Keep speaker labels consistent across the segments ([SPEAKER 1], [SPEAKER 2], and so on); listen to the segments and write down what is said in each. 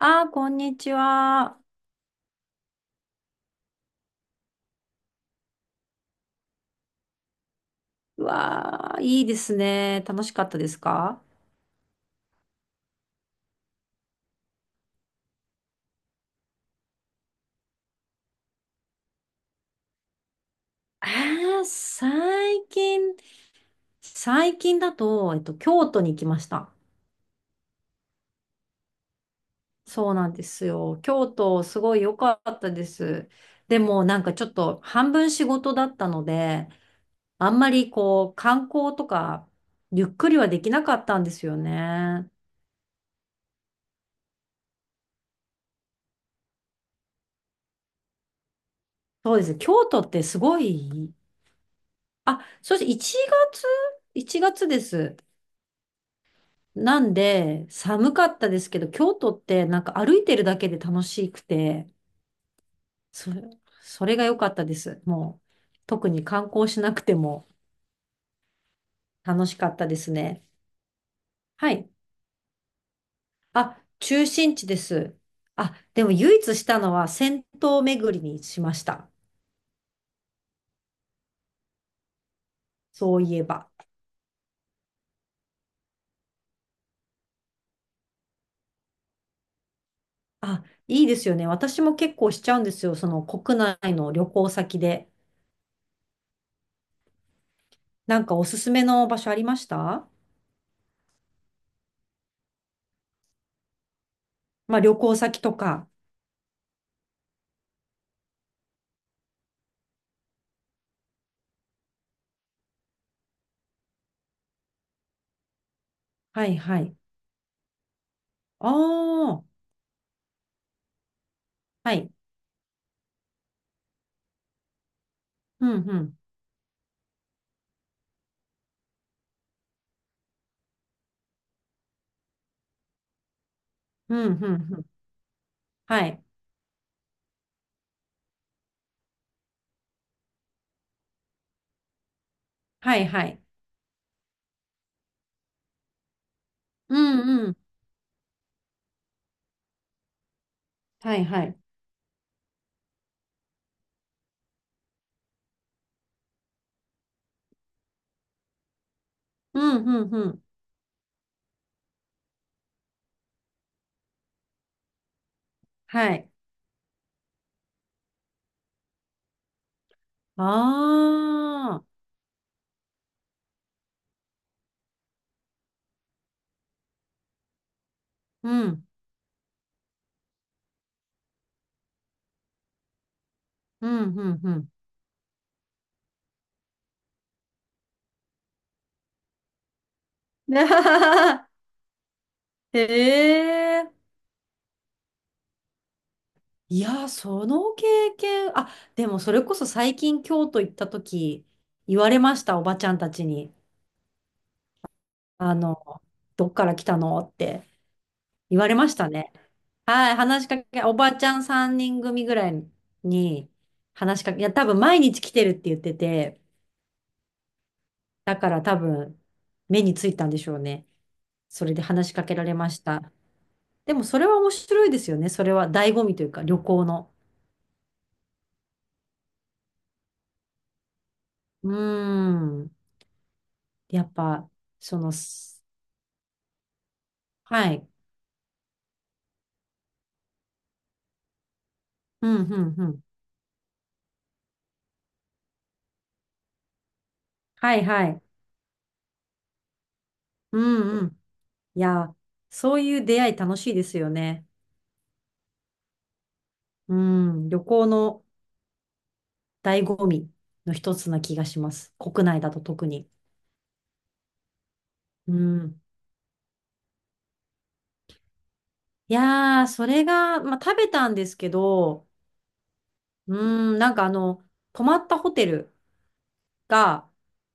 [SPEAKER 1] ああ、こんにちは。うわあ、いいですね。楽しかったですか？ああー、最近だと、京都に行きました。そうなんですよ。京都、すごい良かったです。でも、なんかちょっと、半分仕事だったので、あんまりこう、観光とか、ゆっくりはできなかったんですよね。そうですね京都ってすごい、あ、そして1月 ?1 月です。なんで、寒かったですけど、京都ってなんか歩いてるだけで楽しくて、そ、それが良かったです。もう、特に観光しなくても楽しかったですね。はい。あ、中心地です。あ、でも唯一したのは銭湯巡りにしました。そういえば。あ、いいですよね。私も結構しちゃうんですよ。その国内の旅行先で。なんかおすすめの場所ありました？まあ旅行先とか。はいはい。ああ。はい。うん、うん、うん、うん、うん。はい、はい、はい。うん、うん。はい、はい。うん、うん、うん。はい。ああ、うん、うん、うん、うん。へえ。いや、その経験、あ、でもそれこそ最近京都行った時、言われました、おばちゃんたちに。あの、どっから来たのって言われましたね。はい、話しかけ、おばちゃん3人組ぐらいに話しかけ、いや、多分毎日来てるって言ってて、だから多分目についたんでしょうね。それで話しかけられました。でもそれは面白いですよね。それは醍醐味というか旅行の。うーん。やっぱ、その、すはい。うん、うん、うん。はい、はい。うん、うん。いや、そういう出会い楽しいですよね。うん。旅行の醍醐味の一つな気がします。国内だと特に。うん。いやー、それが、まあ、食べたんですけど、うーなんかあの、泊まったホテルが、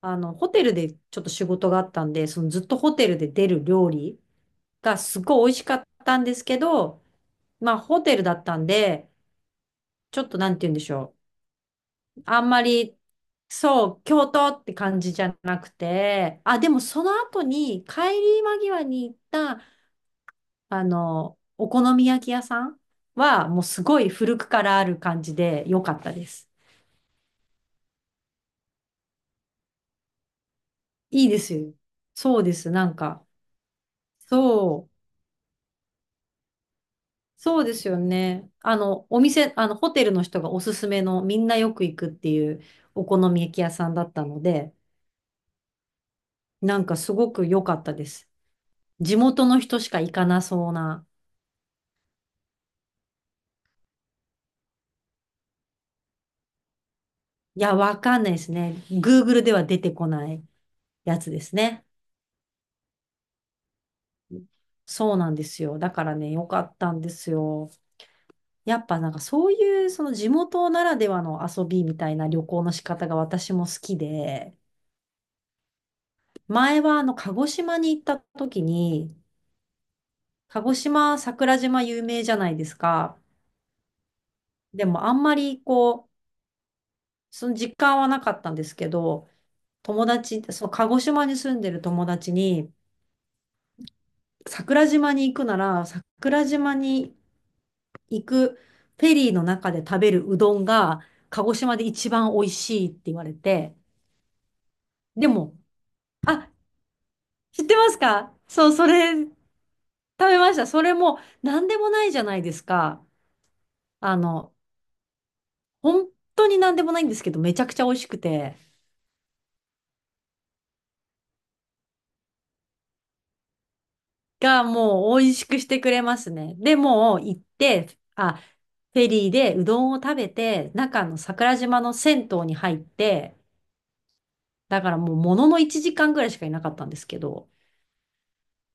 [SPEAKER 1] あの、ホテルでちょっと仕事があったんで、そのずっとホテルで出る料理がすごい美味しかったんですけど、まあ、ホテルだったんで、ちょっとなんて言うんでしょう。あんまり、そう、京都って感じじゃなくて、あ、でもその後に帰り間際に行ったあの、お好み焼き屋さんはもうすごい古くからある感じで良かったです。いいですよ。そうです。なんか、そう、そうですよね。あの、お店、あの、ホテルの人がおすすめのみんなよく行くっていうお好み焼き屋さんだったので、なんかすごく良かったです。地元の人しか行かなそうな。いや、わかんないですね。Google では出てこないやつですね。そうなんですよ。だからね、良かったんですよ。やっぱなんかそういうその地元ならではの遊びみたいな旅行の仕方が私も好きで、前はあの鹿児島に行った時に、鹿児島桜島有名じゃないですか。でもあんまりこう、その実感はなかったんですけど、友達、その鹿児島に住んでる友達に、桜島に行くなら桜島に行くフェリーの中で食べるうどんが鹿児島で一番美味しいって言われて、でも、あ、知ってますか？そう、それ食べました。それも何でもないじゃないですか。あの、本当に何でもないんですけど、めちゃくちゃ美味しくて、がもう美味しくしてくれますね。で、もう行って、あ、フェリーでうどんを食べて、中の桜島の銭湯に入って、だからもうものの1時間ぐらいしかいなかったんですけど、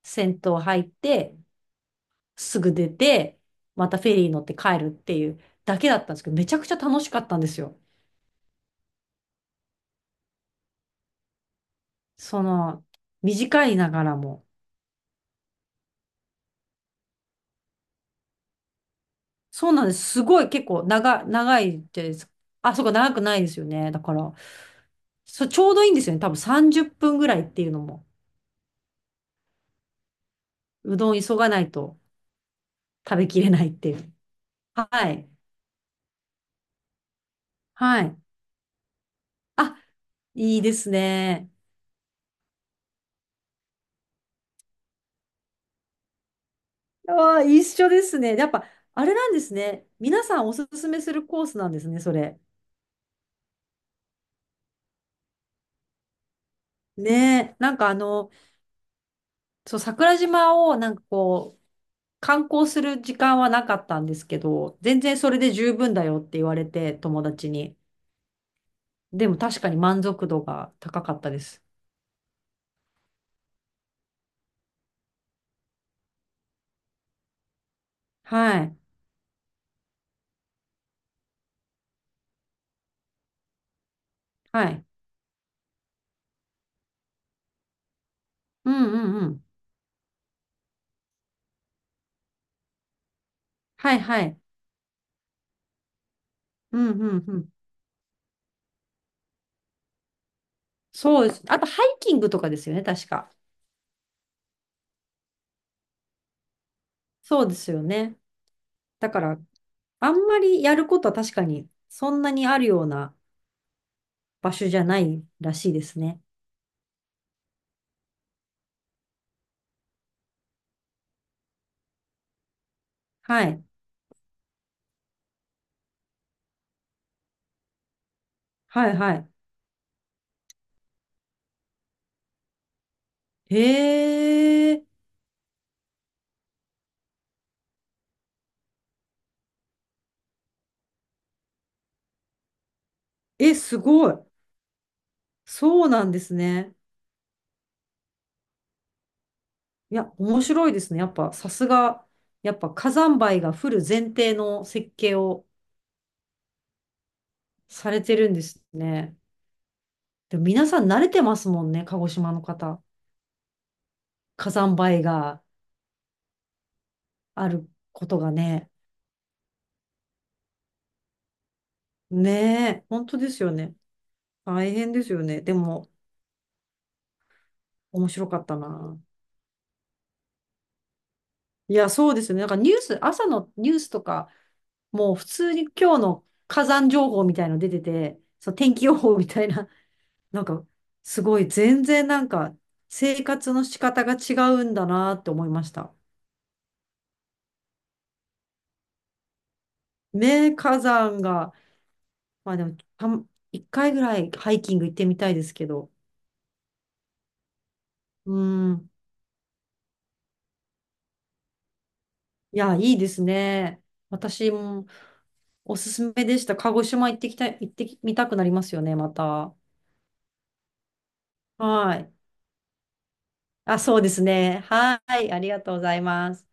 [SPEAKER 1] 銭湯入って、すぐ出て、またフェリー乗って帰るっていうだけだったんですけど、めちゃくちゃ楽しかったんですよ。その、短いながらも。そうなんです。すごい結構長いです。あ、そうか、長くないですよね。だから、そう、ちょうどいいんですよね。多分30分ぐらいっていうのも。うどん急がないと食べきれないっていう。はい。はい。あ、いいですね。ああ、一緒ですね。やっぱ、あれなんですね。皆さんおすすめするコースなんですね、それ。ねえ。なんかあの、そう、桜島をなんか観光する時間はなかったんですけど、全然それで十分だよって言われて、友達に。でも確かに満足度が高かったです。はい。はい。うんうんうん。はいはい。うんうんうん。そうです。あと、ハイキングとかですよね、確か。そうですよね。だから、あんまりやることは確かに、そんなにあるような場所じゃないらしいですね。はい。はいはい。へえ。え、すごい。そうなんですね。いや、面白いですね。やっぱ、さすが、やっぱ火山灰が降る前提の設計をされてるんですね。でも皆さん慣れてますもんね、鹿児島の方。火山灰があることがね。ねえ、本当ですよね。大変ですよね。でも、面白かったな。いや、そうですよね。なんかニュース、朝のニュースとか、もう普通に今日の火山情報みたいの出てて、そう、天気予報みたいななんか、すごい、全然なんか、生活の仕方が違うんだなって思いました。ね、火山が、まあでも、一回ぐらいハイキング行ってみたいですけど。うん。いや、いいですね。私もおすすめでした。鹿児島行ってきたい、行ってみたくなりますよね、また。はい。あ、そうですね。はい。ありがとうございます。